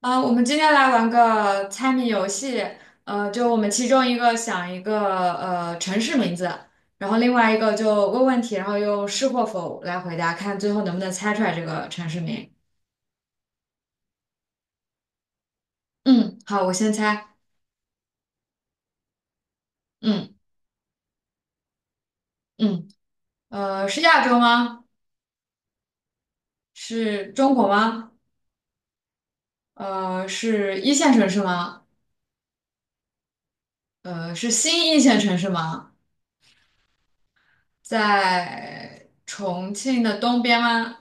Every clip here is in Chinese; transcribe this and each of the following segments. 我们今天来玩个猜谜游戏。就我们其中一个想一个城市名字，然后另外一个就问问题，然后用是或否来回答，看最后能不能猜出来这个城市名。嗯，好，我先猜。嗯嗯，是亚洲吗？是中国吗？是一线城市吗？是新一线城市吗？在重庆的东边吗？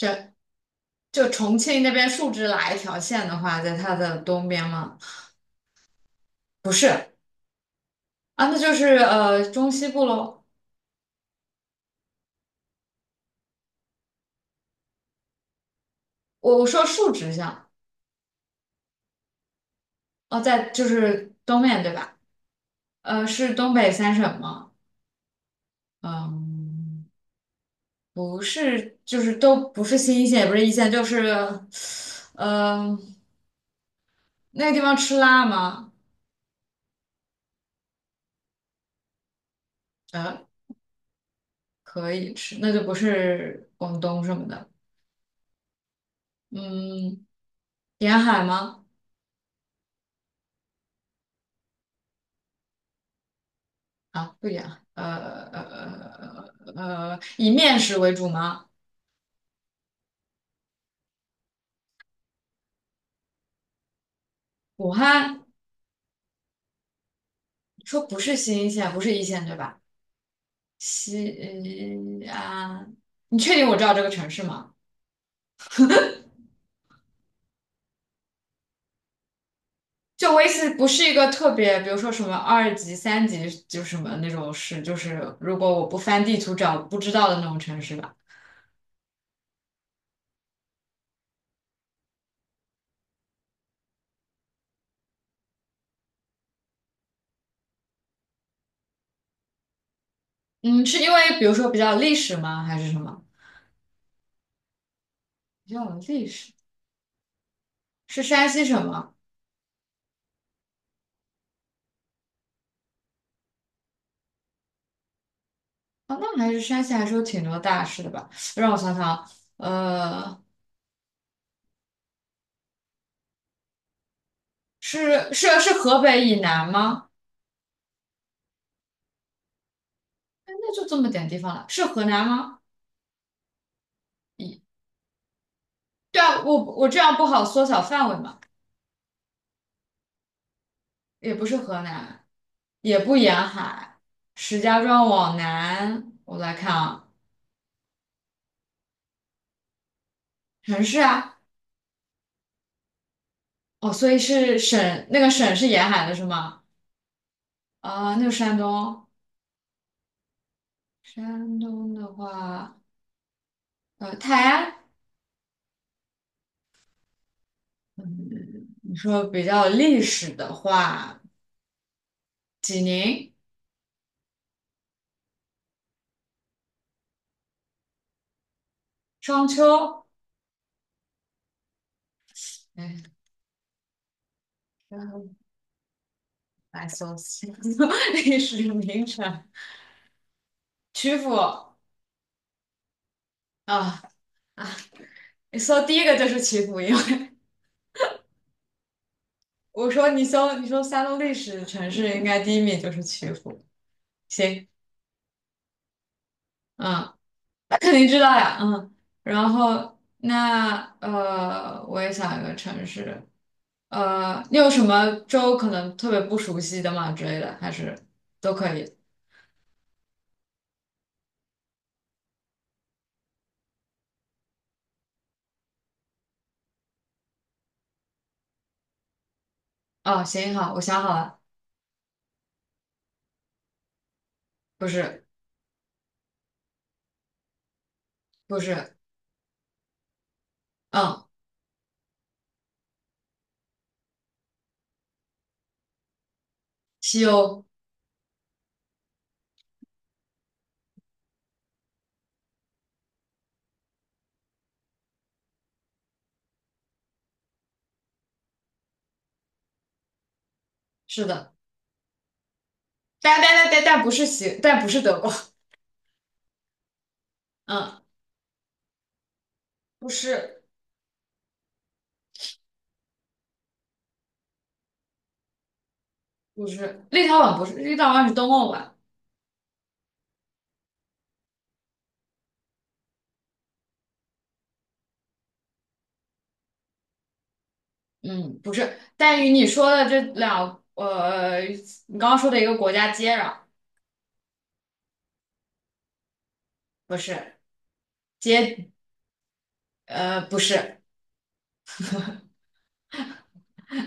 这。就重庆那边竖直哪一条线的话，在它的东边吗？不是啊，那就是中西部喽。我说竖直向，哦，在就是东面对吧？是东北三省吗？嗯，不是，就是都不是新一线，也不是一线，就是。嗯、呃那个地方吃辣吗？呃，可以吃，那就不是广东什么的。嗯，沿海吗？啊，不一样，以面食为主吗？武汉。说不是新一线，不是一线对吧？西安，你确定我知道这个城市吗？就我意思，不是一个特别，比如说什么二级、三级，就是什么那种市，就是如果我不翻地图找不知道的那种城市吧。嗯，是因为比如说比较有历史吗？还是什么？比较有历史。是山西省吗？哦，那还是山西还是有挺多大市的吧？让我想想。呃。是河北以南吗？哎，那就这么点地方了，是河南吗？以对啊，我这样不好缩小范围嘛，也不是河南，也不沿海，石家庄往南，我来看啊，城市啊，哦，所以是省，那个省是沿海的是吗？啊、那个山东，山东的话，泰安，嗯，你说比较历史的话，济宁、商丘。哎，来搜星座 历史名城，曲阜啊啊！你搜第一个就是曲阜，因为我说你说山东历史城市，应该第一名就是曲阜。行，嗯，那肯定知道呀，嗯。然后那我也想一个城市，你有什么州可能特别不熟悉的吗之类的，还是都可以？哦，行，好，我想好了，不是，不是，嗯，西欧，是的。但不是西，但不是德国，嗯，不是不是，立陶宛不是，立陶宛是东欧吧？嗯，不是，但与你说的这两，你刚刚说的一个国家接壤，不是接，不是，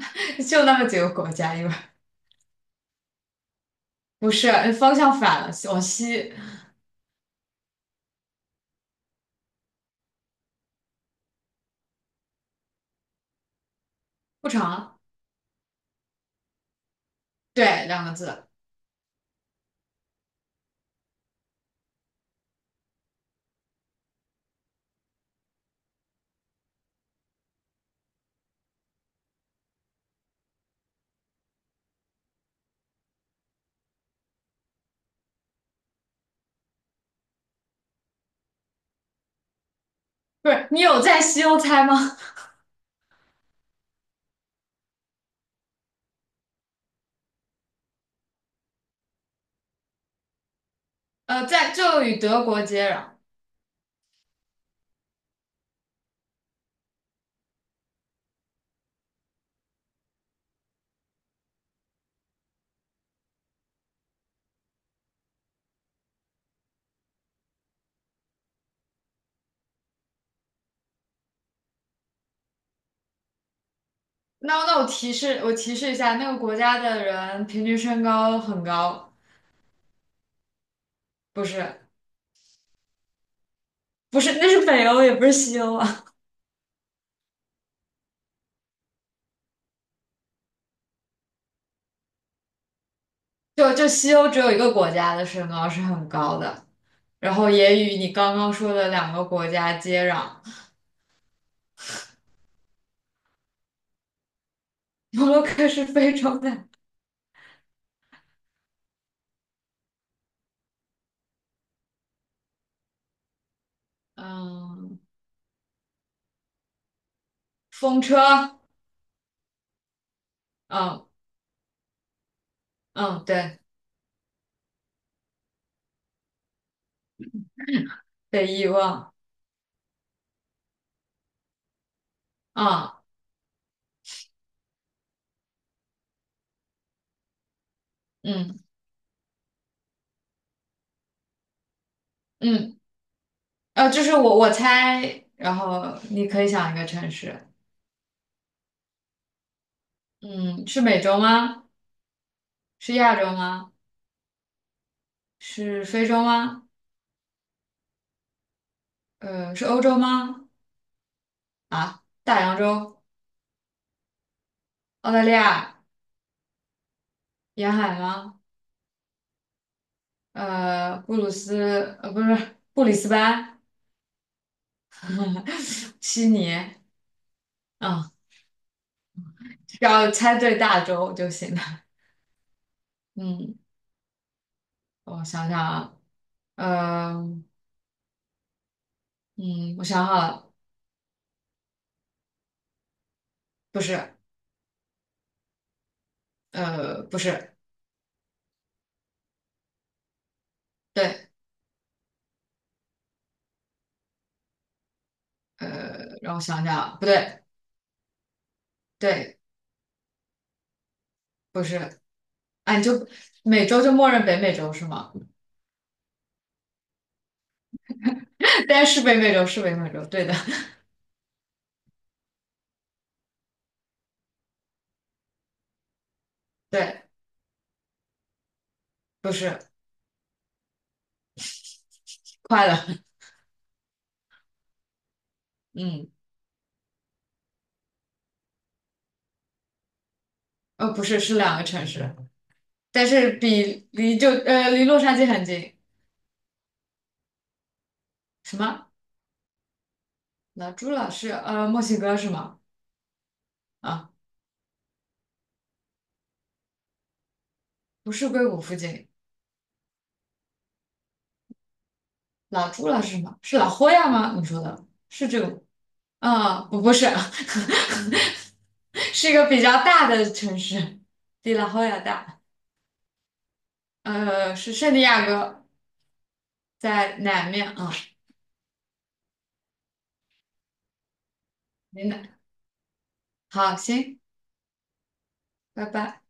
就那么几个国家，因为不是方向反了，往西不长，对，两个字，不是，你有在西欧猜吗？在就与德国接壤。那我提示一下，那个国家的人平均身高很高，不是。不是，那是北欧，也不是西欧啊。就西欧只有一个国家的身高是很高的，然后也与你刚刚说的两个国家接壤。摩洛哥是非洲的，嗯，风车，嗯嗯，对，被遗忘，啊，嗯嗯，就是我猜，然后你可以想一个城市，嗯，是美洲吗？是亚洲吗？是非洲吗？是欧洲吗？啊，大洋洲，澳大利亚沿海吗？布鲁斯，不是布里斯班，悉尼，啊，只要猜对大洲就行了。嗯，我想想啊，呃，嗯，我想好了，不是，不是，对，让我想想啊不对，对，不是，啊，你就美洲就默认北美洲是吗？但是北美洲是北美洲，对的，对，不是，快了，嗯，不是，是两个城市，但是比离就呃离洛杉矶很近。什么？老朱老师，墨西哥是吗？啊，不是硅谷附近。老朱老师是吗？是老霍亚吗？你说的是这个？啊，不是，是一个比较大的城市，比老霍亚大。是圣地亚哥，在南面啊，云南。好，行，拜拜。